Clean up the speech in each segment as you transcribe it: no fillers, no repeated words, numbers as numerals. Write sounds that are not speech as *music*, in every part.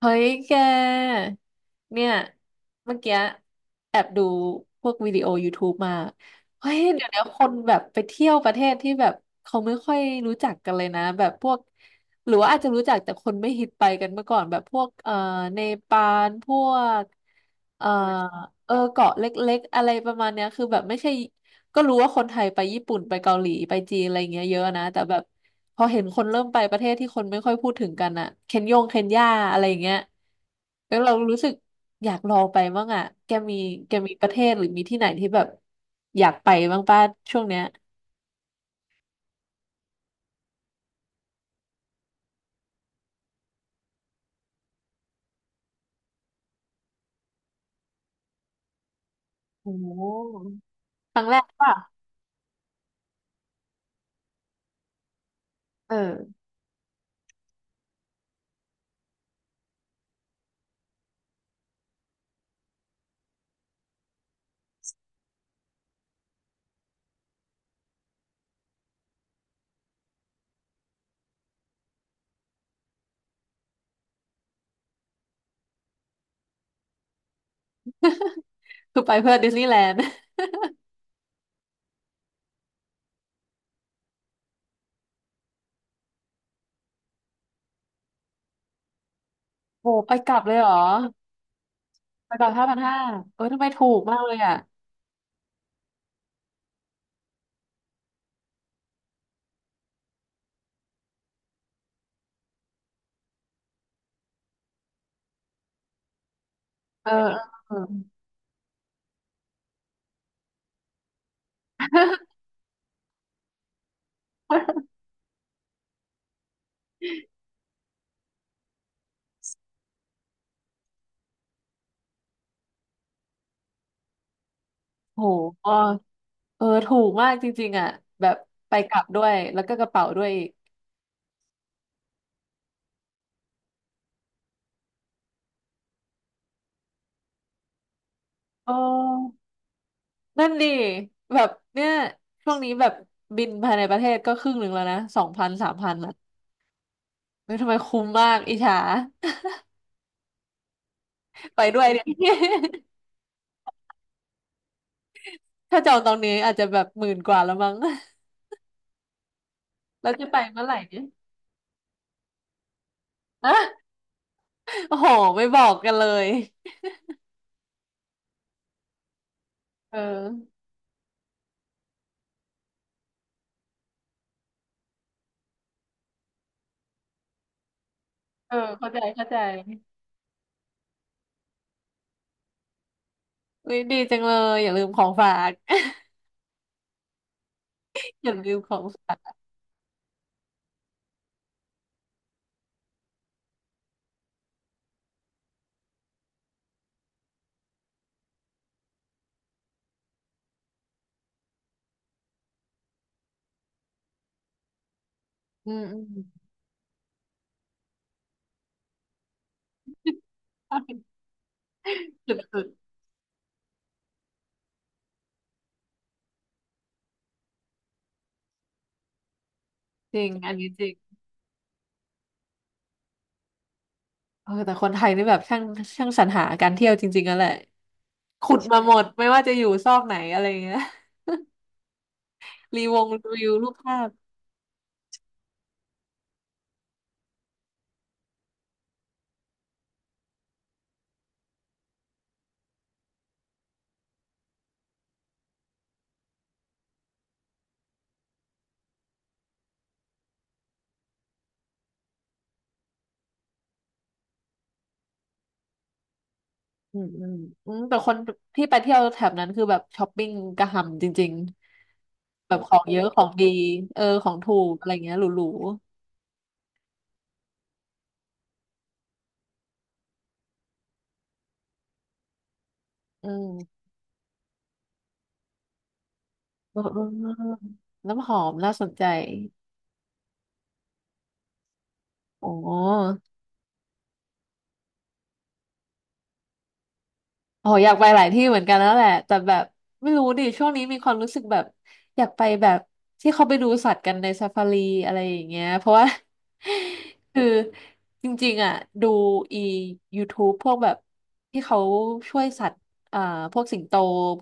เฮ้ยแก เนี่ยเมื่อกี้แอบดูพวกวิดีโอยูทูบมาเฮ้ยเดี๋ยวนี้คนแบบไปเที่ยวประเทศที่แบบเขาไม่ค่อยรู้จักกันเลยนะแบบพวกหรือว่าอาจจะรู้จักแต่คนไม่ฮิตไปกันเมื่อก่อนแบบพวกเนปาลพวกเอ่อเออเกาะเล็กๆอะไรประมาณเนี้ยคือแบบไม่ใช่ก็รู้ว่าคนไทยไปญี่ปุ่นไปเกาหลีไปจีนอะไรอย่างเงี้ยเยอะนะแต่แบบ พอเห็นคนเริ่มไปประเทศที่คนไม่ค่อยพูดถึงกันอะเคนยาอะไรอย่างเงี้ยแล้วเรารู้สึกอยากลองไปบ้างอะแกมีประเทศหรือมีที่ไหนที่แบบอยากไปบ้างป้าช่วงเนี้ยโอ้โหครั้งแรกป่ะเออคือไปเพื่อดิสนีย์แลนด์ *laughs* โอ้ไปกลับเลยเหรอไปกลับ5,500เออทำไมถูกมากเลยอ่ะเออเออเออ *laughs* โหอ๋ *laughs* อเออถูกมากจริงๆอะแบบไปกลับด้วยแล้วก็กระเป๋าด้วยอีกเออ นั่นดิแบบเนี่ยช่วงนี้แบบบินภายในประเทศก็ครึ่งหนึ่งแล้วนะ2,000 3,000อ่ะเฮ้ยทำไมคุ้มมากอิจฉา *laughs* ไปด้วยเนี่ย *laughs* ถ้าจองตอนนี้อาจจะแบบหมื่นกว่าแล้วมั้ง *laughs* แล้วจะไปเมื่อไหร่เนี่ยอะโอ้โหไม่บอกกันเลยเออเออเข้าใจเข้าใจอุ้ยดีจังเลยอย่าลืมของฝาก *laughs* อย่าลืมของฝากอืมอืมถ้าเป็นจุดๆจริงอันนี้จริงเออแต่คนไทยนี่แบบช่างสรรหาการเที่ยวจริงๆกันแหละ ขุดมาหมดไม่ว่าจะอยู่ซอกไหนอะไรอย่างเงี้ยรีวงรีวิวรูปภาพอืมอืมอืมแต่คนที่ไปเที่ยวแถบนั้นคือแบบช้อปปิ้งกระหำจริงๆแบบของเยอะของดีเออของถูกอะไรเงี้ยหรูๆอืมเออเออเออน้ำหอมน่าสนใจโอ้ อ๋ออยากไปหลายที่เหมือนกันแล้วแหละแต่แบบไม่รู้ดิช่วงนี้มีความรู้สึกแบบอยากไปแบบที่เขาไปดูสัตว์กันในซาฟารีอะไรอย่างเงี้ยเพราะว่า *laughs* คือจริงๆอ่ะดูอี YouTube พวกแบบที่เขาช่วยสัตว์อ่าพวกสิงโต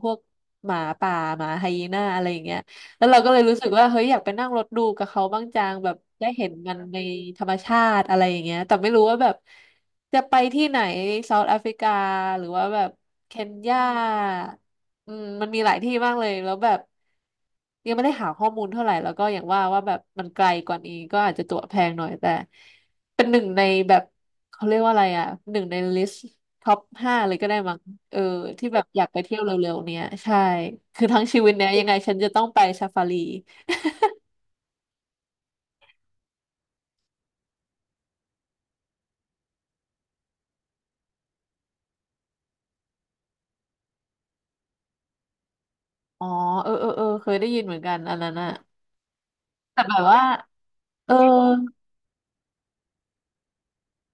พวกหมาป่าหมาไฮยีน่าอะไรอย่างเงี้ย แล้วเราก็เลยรู้สึกว่าเฮ้ยอยากไปนั่งรถดูกับเขาบ้างจังแบบได้เห็นมันในธรรมชาติอะไรอย่างเงี้ยแต่ไม่รู้ว่าแบบจะไปที่ไหนเซาท์แอฟริกาหรือว่าแบบเคนยาอืมมันมีหลายที่มากเลยแล้วแบบยังไม่ได้หาข้อมูลเท่าไหร่แล้วก็อย่างว่าว่าแบบมันไกลกว่านี้ก็อาจจะตั๋วแพงหน่อยแต่เป็นหนึ่งในแบบเขาเรียกว่าอะไรอ่ะหนึ่งในลิสต์ท็อปห้าเลยก็ได้มั้ง เออที่แบบอยากไปเที่ยวเร็วๆเนี้ยใช่คือทั้งชีวิตเนี้ยยังไงฉันจะต้องไปซาฟารีอ๋อเออเออเออเคยได้ยินเหมือนกันอันนั้นอะแต่แบบว่าเออ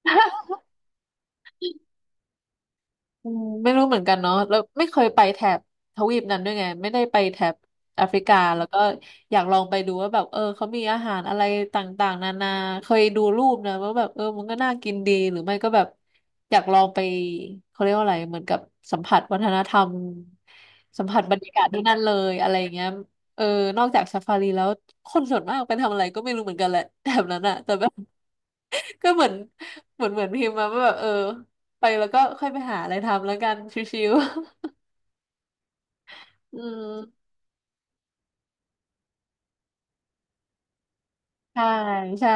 *laughs* อืมไม่รู้เหมือนกันเนาะแล้วไม่เคยไปแถบทวีปนั้นด้วยไงไม่ได้ไปแถบแอฟริกาแล้วก็อยากลองไปดูว่าแบบเออเขามีอาหารอะไรต่างๆนานาเคยดูรูปนะว่าแบบเออมันก็น่ากินดีหรือไม่ก็แบบอยากลองไปเขาเรียกว่าอะไรเหมือนกับสัมผัสวัฒนธรรมสัมผัสบรรยากาศที่นั่นเลยอะไรอย่างเงี้ยเออนอกจากซาฟารีแล้วคนส่วนมากไปทำอะไรก็ไม่รู้เหมือนกันแหละแถบนั้นอะแต่แบบ ก็เหมือนเหมือนพิมพ์มาว่าแบบเออไปแล้วก็ค่อยไปหาอะไรทำแล้วกันชิวๆ *laughs* อืมใช่ใช่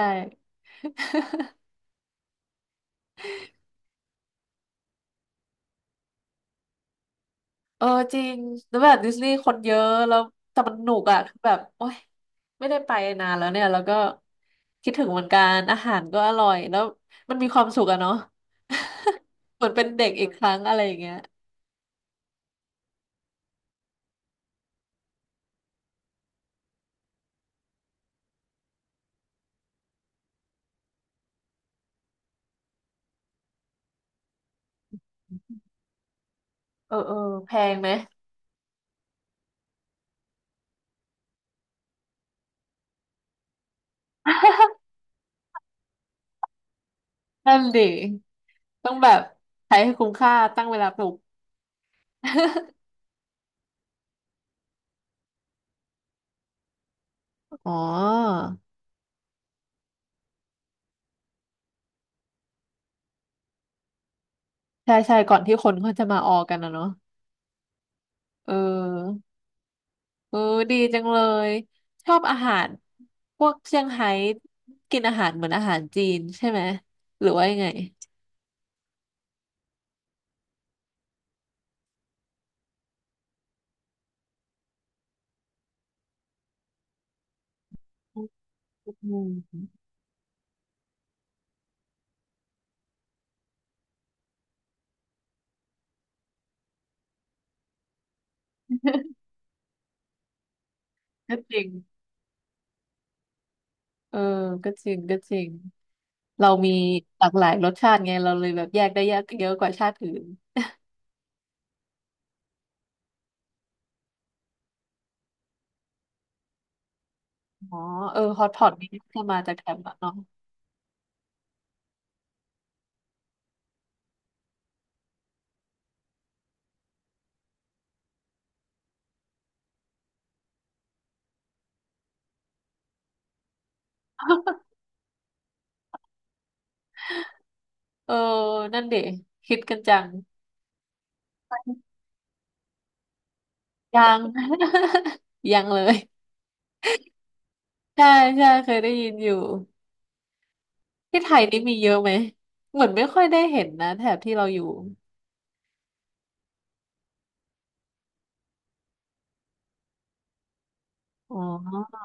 เออจริงแล้วแบบดิสนีย์คนเยอะแล้วแต่มันหนุกอ่ะคือแบบโอ๊ยไม่ได้ไปนานแล้วเนี่ยแล้วก็คิดถึงเหมือนกันอาหารก็อร่อยแล้วมันมีความสุขอะเนาะ *laughs* เหมือนเป็นเด็กอีกครั้งอะไรอย่างเงี้ยเออเออแพงไหม *laughs* นั่นดิต้องแบบใช้ให้คุ้มค่าตั้งเวลาปลุก *laughs* อ๋อใช่ใช่ก่อนที่คนเขาจะมาออกันนะเนาะเออเออดีจังเลยชอบอาหารพวกเซี่ยงไฮ้กินอาหารเหมือนอาหารจีนใช่ไหมหรือว่ายังไงอืมก็จริงเออก็จริงก็จริงเรามีหลากหลายรสชาติไงเราเลยแบบแยกได้เยอะเยอะกว่าชาติอื่นอ๋อเออฮอตพอตนี่ก็มาจากแถบนั้นเนาะ *laughs* เออนั่นเด็คิดกันจังยัง *laughs* ยังเลย ใช่ใช่เคยได้ยินอยู่ที่ไทยนี่มีเยอะไหมเหมือนไม่ค่อยได้เห็นนะแถบที่เราอยู่อ๋อ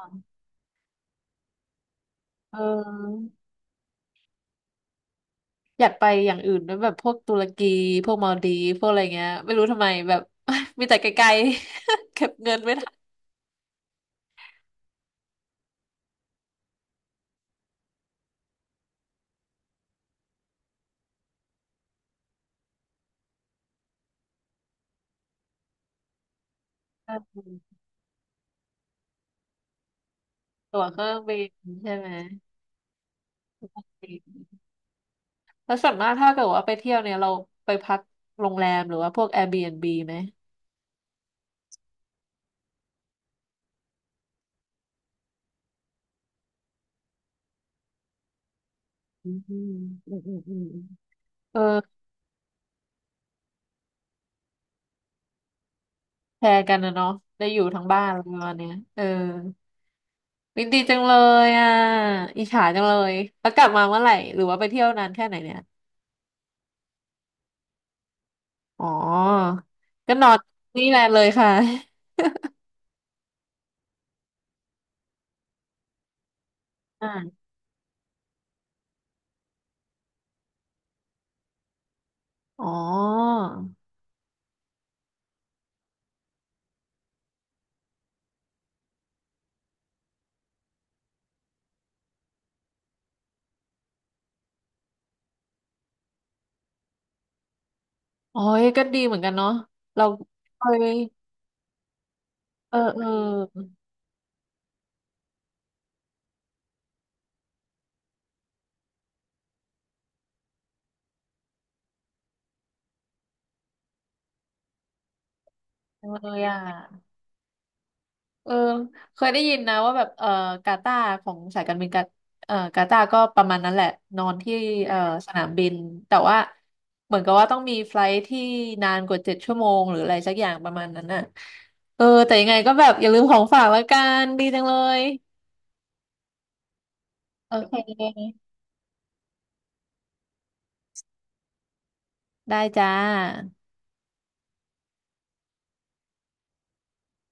เอออยากไปอย่างอื่นด้วยแบบพวกตุรกีพวกมาลดีฟพวกอะไรเงี้ยไม่รู้ทำไมแบบ *laughs* มีแต่ไกลๆ *laughs* เก็บเงินไม่ทันเออตั๋วเครื่องบินใช่ไหมแล้วส่วนมากถ้าเกิดว่าไปเที่ยวเนี่ยเราไปพักโรงแรมหรือว่าพวก Airbnb ไหมอืมอืมอืมอืมเออแชร์กันนะเนาะได้อยู่ทั้งบ้านอะไรประมาณเนี้ยเออ วิดีจังเลยอ่ะอิจฉาจังเลยแล้วกลับมาเมื่อไหร่หรือว่าไปเที่ยวนานแค่ไหนเนี่ยอ๋อก็นอนนี่แหละเลยค่ะอ่าอ๋อโอ้ยก็ดีเหมือนกันเนาะเราเคยเออเออจังเลยอ่ะ เออเคยได้ยินนะว่าแบบเออกาตาร์ของสายการบินกาเออกาตาร์ก็ประมาณนั้นแหละนอนที่เออสนามบินแต่ว่าเหมือนกับว่าต้องมีไฟล์ทที่นานกว่า7 ชั่วโมงหรืออะไรสักอย่างประมาณนั้นน่ะเออแต่ยังไงก็แบบอย่าลืมของฝากละกันดีจังเลยโอเคได้จ้า